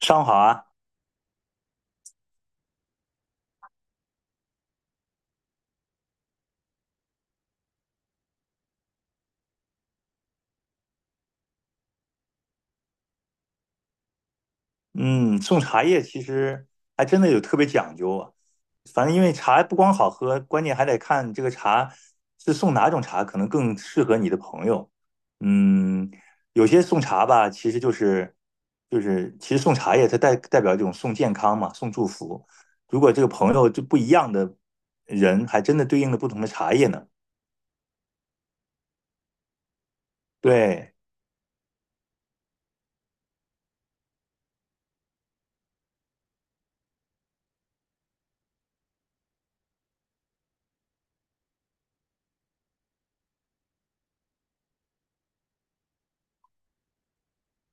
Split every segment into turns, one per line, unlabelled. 上午好啊，嗯，送茶叶其实还真的有特别讲究啊。反正因为茶不光好喝，关键还得看这个茶是送哪种茶，可能更适合你的朋友。嗯，有些送茶吧，其实就是送茶叶，它代表这种送健康嘛，送祝福。如果这个朋友就不一样的人，还真的对应了不同的茶叶呢。对。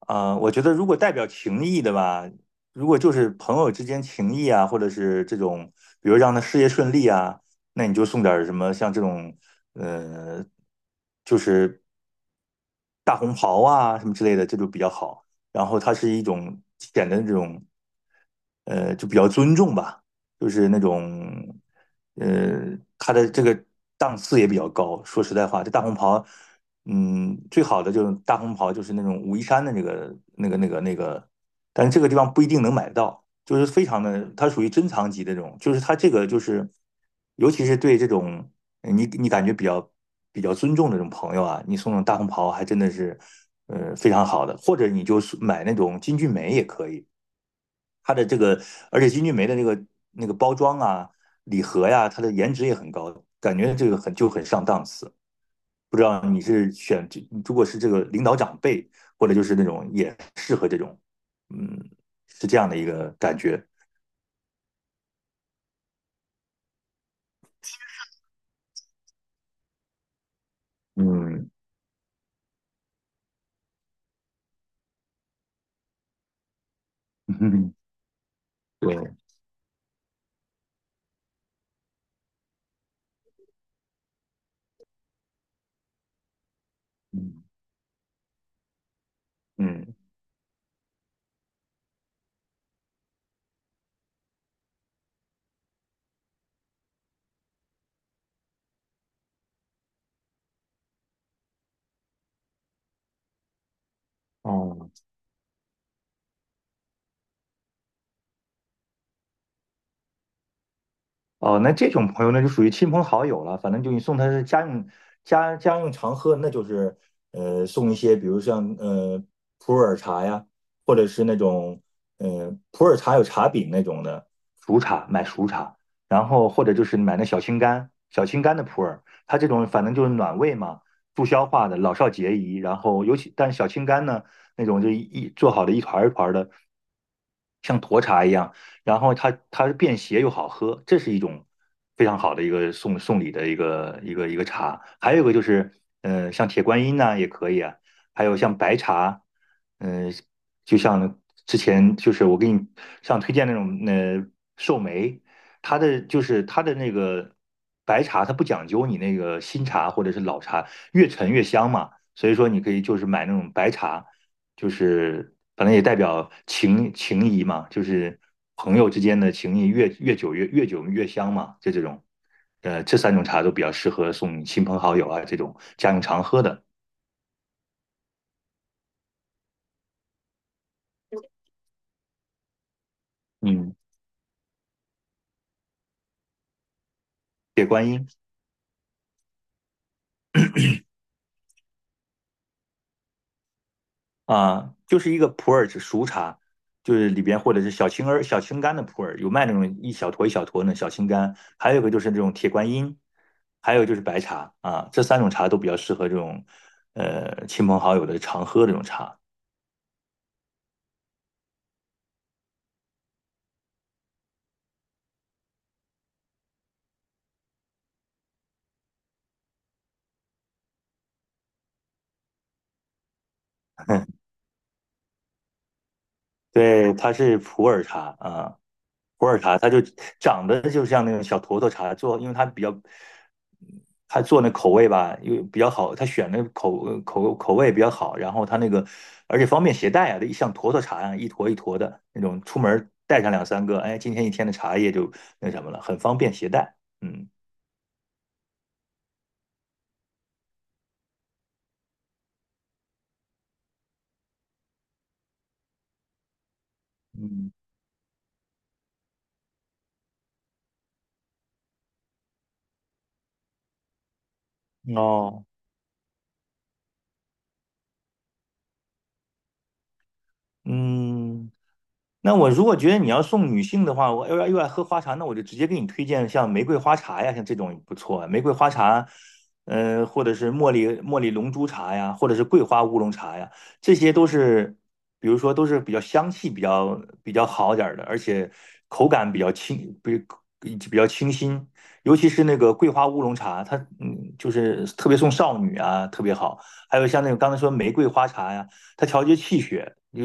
我觉得如果代表情谊的吧，如果就是朋友之间情谊啊，或者是这种，比如让他事业顺利啊，那你就送点儿什么像这种，呃，就是大红袍啊什么之类的，这就比较好。然后它是一种显的这种就比较尊重吧，就是那种，呃，他的这个档次也比较高。说实在话，这大红袍，最好的就是大红袍，就是那种武夷山的那个，但是这个地方不一定能买到，就是非常的，它属于珍藏级的这种，就是它这个就是，尤其是对这种你感觉比较尊重的这种朋友啊，你送那种大红袍还真的是，非常好的，或者你就是买那种金骏眉也可以。它的这个，而且金骏眉的那个包装啊、礼盒呀、啊它的颜值也很高，感觉这个很就很上档次。不知道你是选，如果是这个领导长辈，或者就是那种也适合这种，嗯，是这样的一个感觉。嗯，嗯，对，嗯，嗯，哦，哦，那这种朋友那就属于亲朋好友了，反正就你送他是家用家用常喝，那就是送一些，比如像普洱茶呀，或者是那种普洱茶有茶饼那种的熟茶，买熟茶，然后或者就是买那小青柑，小青柑的普洱，它这种反正就是暖胃嘛，助消化的，老少皆宜。然后尤其但是小青柑呢，那种就一做好的一团儿一团儿的，像沱茶一样。然后它便携又好喝，这是一种非常好的一个送礼的一个茶。还有一个就是，像铁观音呐、也可以啊，还有像白茶，嗯、就像之前就是我给你像推荐那种寿眉，它的就是它的那个白茶，它不讲究你那个新茶或者是老茶，越陈越香嘛，所以说你可以就是买那种白茶。就是反正也代表情谊嘛，就是朋友之间的情谊越久越久越香嘛，就这种，这三种茶都比较适合送亲朋好友啊这种家用常喝的。嗯，铁观音啊，就是一个普洱熟茶，就是里边或者是小青儿、小青柑的普洱，有卖那种一小坨一小坨的小青柑，还有一个就是这种铁观音，还有就是白茶啊，这三种茶都比较适合这种亲朋好友的常喝这种茶。对，它是普洱茶啊，普洱茶它就长得就像那种小坨坨茶做，因为它比较，它做那口味吧，又比较好，它选的口味比较好，然后它那个而且方便携带啊，一像坨坨茶啊，一坨一坨的那种，出门儿带上两三个，哎，今天一天的茶叶就那什么了，很方便携带。嗯嗯，哦，嗯，那我如果觉得你要送女性的话，我又要又爱喝花茶，那我就直接给你推荐像玫瑰花茶呀，像这种不错啊。玫瑰花茶，或者是茉莉龙珠茶呀，或者是桂花乌龙茶呀，这些都是，比如说都是比较香气比较好点儿的，而且口感比较清，比较清新。尤其是那个桂花乌龙茶，它就是特别送少女啊，特别好。还有像那种刚才说玫瑰花茶呀，啊它调节气血，就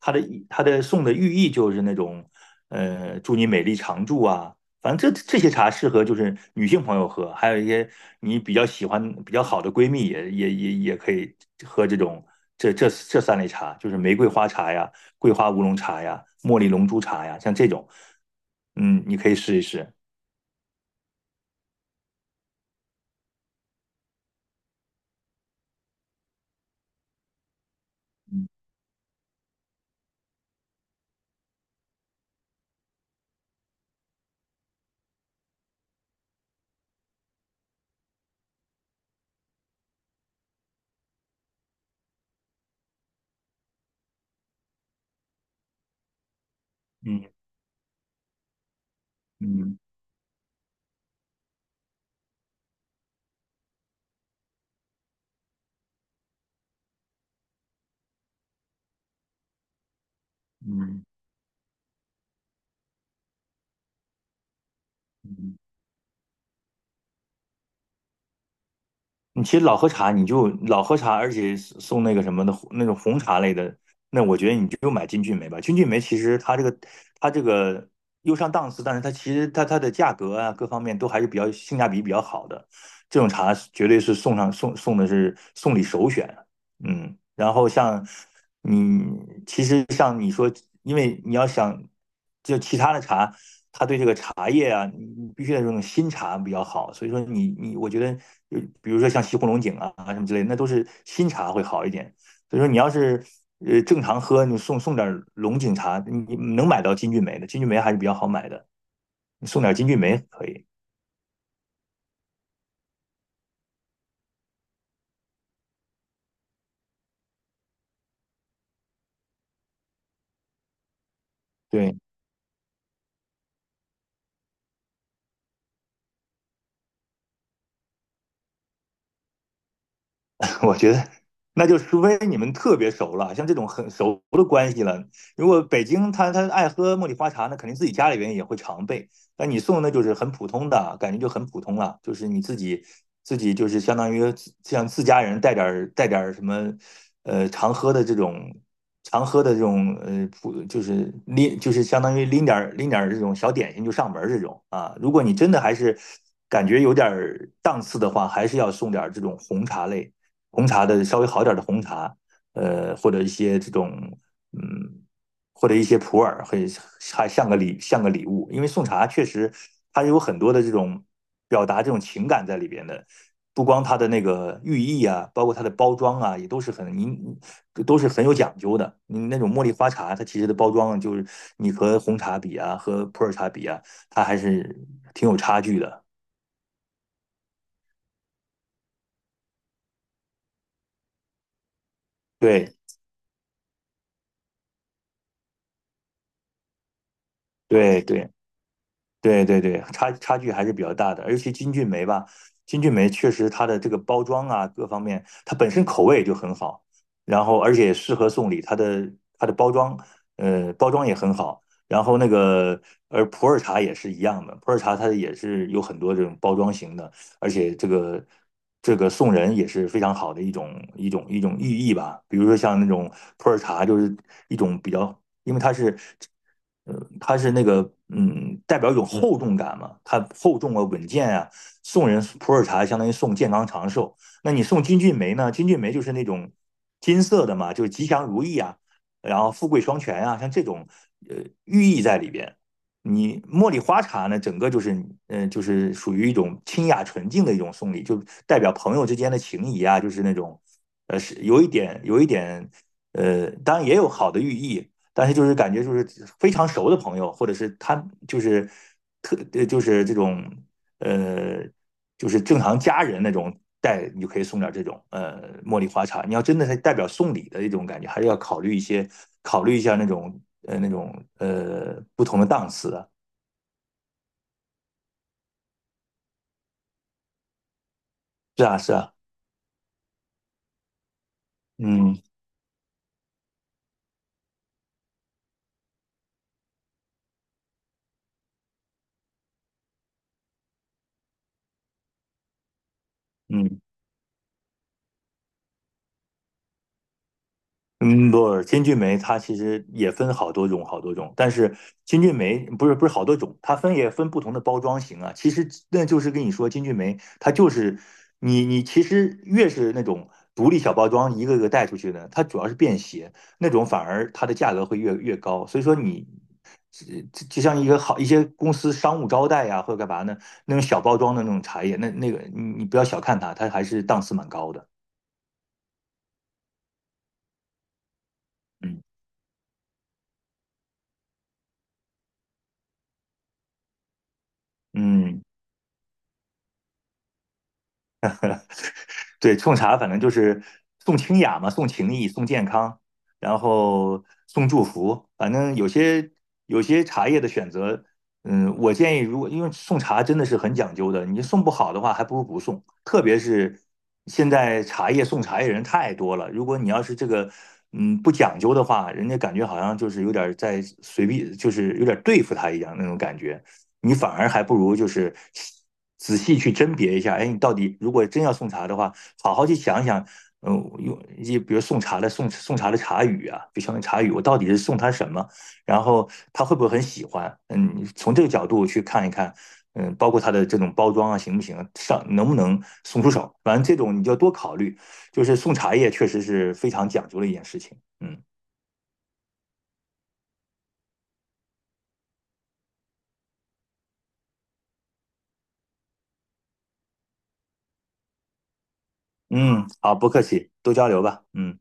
它的它的送的寓意就是那种，祝你美丽常驻啊。反正这这些茶适合就是女性朋友喝，还有一些你比较喜欢比较好的闺蜜也可以喝这种这这这三类茶，就是玫瑰花茶呀、桂花乌龙茶呀、茉莉龙珠茶呀，像这种，你可以试一试。嗯嗯嗯嗯。嗯你其实老喝茶，你就老喝茶，而且送那个什么的那种红茶类的，那我觉得你就买金骏眉吧。金骏眉其实它这个又上档次，但是它其实它的价格啊各方面都还是比较性价比比较好的，这种茶绝对是送上送送的是送礼首选啊。嗯，然后像你，其实像你说，因为你要想就其他的茶，它对这个茶叶啊，你必须得用那种新茶比较好。所以说你，我觉得，就比如说像西湖龙井啊什么之类的，那都是新茶会好一点。所以说你要是正常喝，你送点龙井茶，你能买到金骏眉的，金骏眉还是比较好买的，你送点金骏眉可以。对。我觉得那就除非你们特别熟了，像这种很熟的关系了。如果北京他爱喝茉莉花茶，那肯定自己家里边也会常备。但你送的就是很普通的，感觉就很普通了，就是你自己就是相当于像自家人带点什么，常喝的这种。常喝的这种呃普就是拎就是相当于拎点拎点这种小点心就上门这种啊，如果你真的还是感觉有点档次的话，还是要送点这种红茶类红茶的稍微好点的红茶，或者一些这种嗯，或者一些普洱，会还像个礼物，因为送茶确实它有很多的这种表达这种情感在里边的。不光它的那个寓意啊，包括它的包装啊，也都是都是很有讲究的。你那种茉莉花茶，它其实的包装就是你和红茶比啊，和普洱茶比啊，它还是挺有差距的。对对对，对对对，差距还是比较大的，而且金骏眉吧，金骏眉确实它的这个包装啊，各方面，它本身口味就很好，然后而且适合送礼，它的包装，包装也很好，然后那个而普洱茶也是一样的，普洱茶它也是有很多这种包装型的，而且这个送人也是非常好的一种寓意吧，比如说像那种普洱茶就是一种比较因为它是，呃，它是那个，代表一种厚重感嘛，它厚重啊，稳健啊。送人普洱茶相当于送健康长寿，那你送金骏眉呢？金骏眉就是那种金色的嘛，就是吉祥如意啊，然后富贵双全啊，像这种呃寓意在里边。你茉莉花茶呢，整个就是，就是属于一种清雅纯净的一种送礼，就代表朋友之间的情谊啊，就是那种，是有一点，有一点，当然也有好的寓意，但是就是感觉就是非常熟的朋友，或者是他就是就是这种呃就是正常家人那种带，你就可以送点这种茉莉花茶。你要真的是代表送礼的一种感觉，还是要考虑一下那种那种不同的档次的。是啊，是啊，嗯嗯。嗯，不，金骏眉它其实也分好多种，好多种。但是金骏眉不是不是好多种，它分也分不同的包装型啊。其实那就是跟你说，金骏眉它就是你其实越是那种独立小包装，一个个带出去的，它主要是便携，那种反而它的价格会越高。所以说你这这就像一个好一些公司商务招待呀、或者干嘛呢，那种小包装的那种茶叶，那那个你不要小看它，它还是档次蛮高的。嗯嗯。对，送茶反正就是送清雅嘛，送情谊，送健康，然后送祝福，反正有些茶叶的选择，我建议如果因为送茶真的是很讲究的，你送不好的话，还不如不送。特别是现在茶叶送茶叶人太多了，如果你要是这个不讲究的话，人家感觉好像就是有点在随便，就是有点对付他一样那种感觉，你反而还不如就是。仔细去甄别一下，哎，你到底如果真要送茶的话，好好去想一想，用就比如送茶的茶语啊，比相当于茶语，我到底是送他什么，然后他会不会很喜欢？嗯，从这个角度去看一看，嗯，包括他的这种包装啊，行不行，上能不能送出手，反正这种你就要多考虑。就是送茶叶确实是非常讲究的一件事情，嗯嗯，好，不客气，多交流吧，嗯。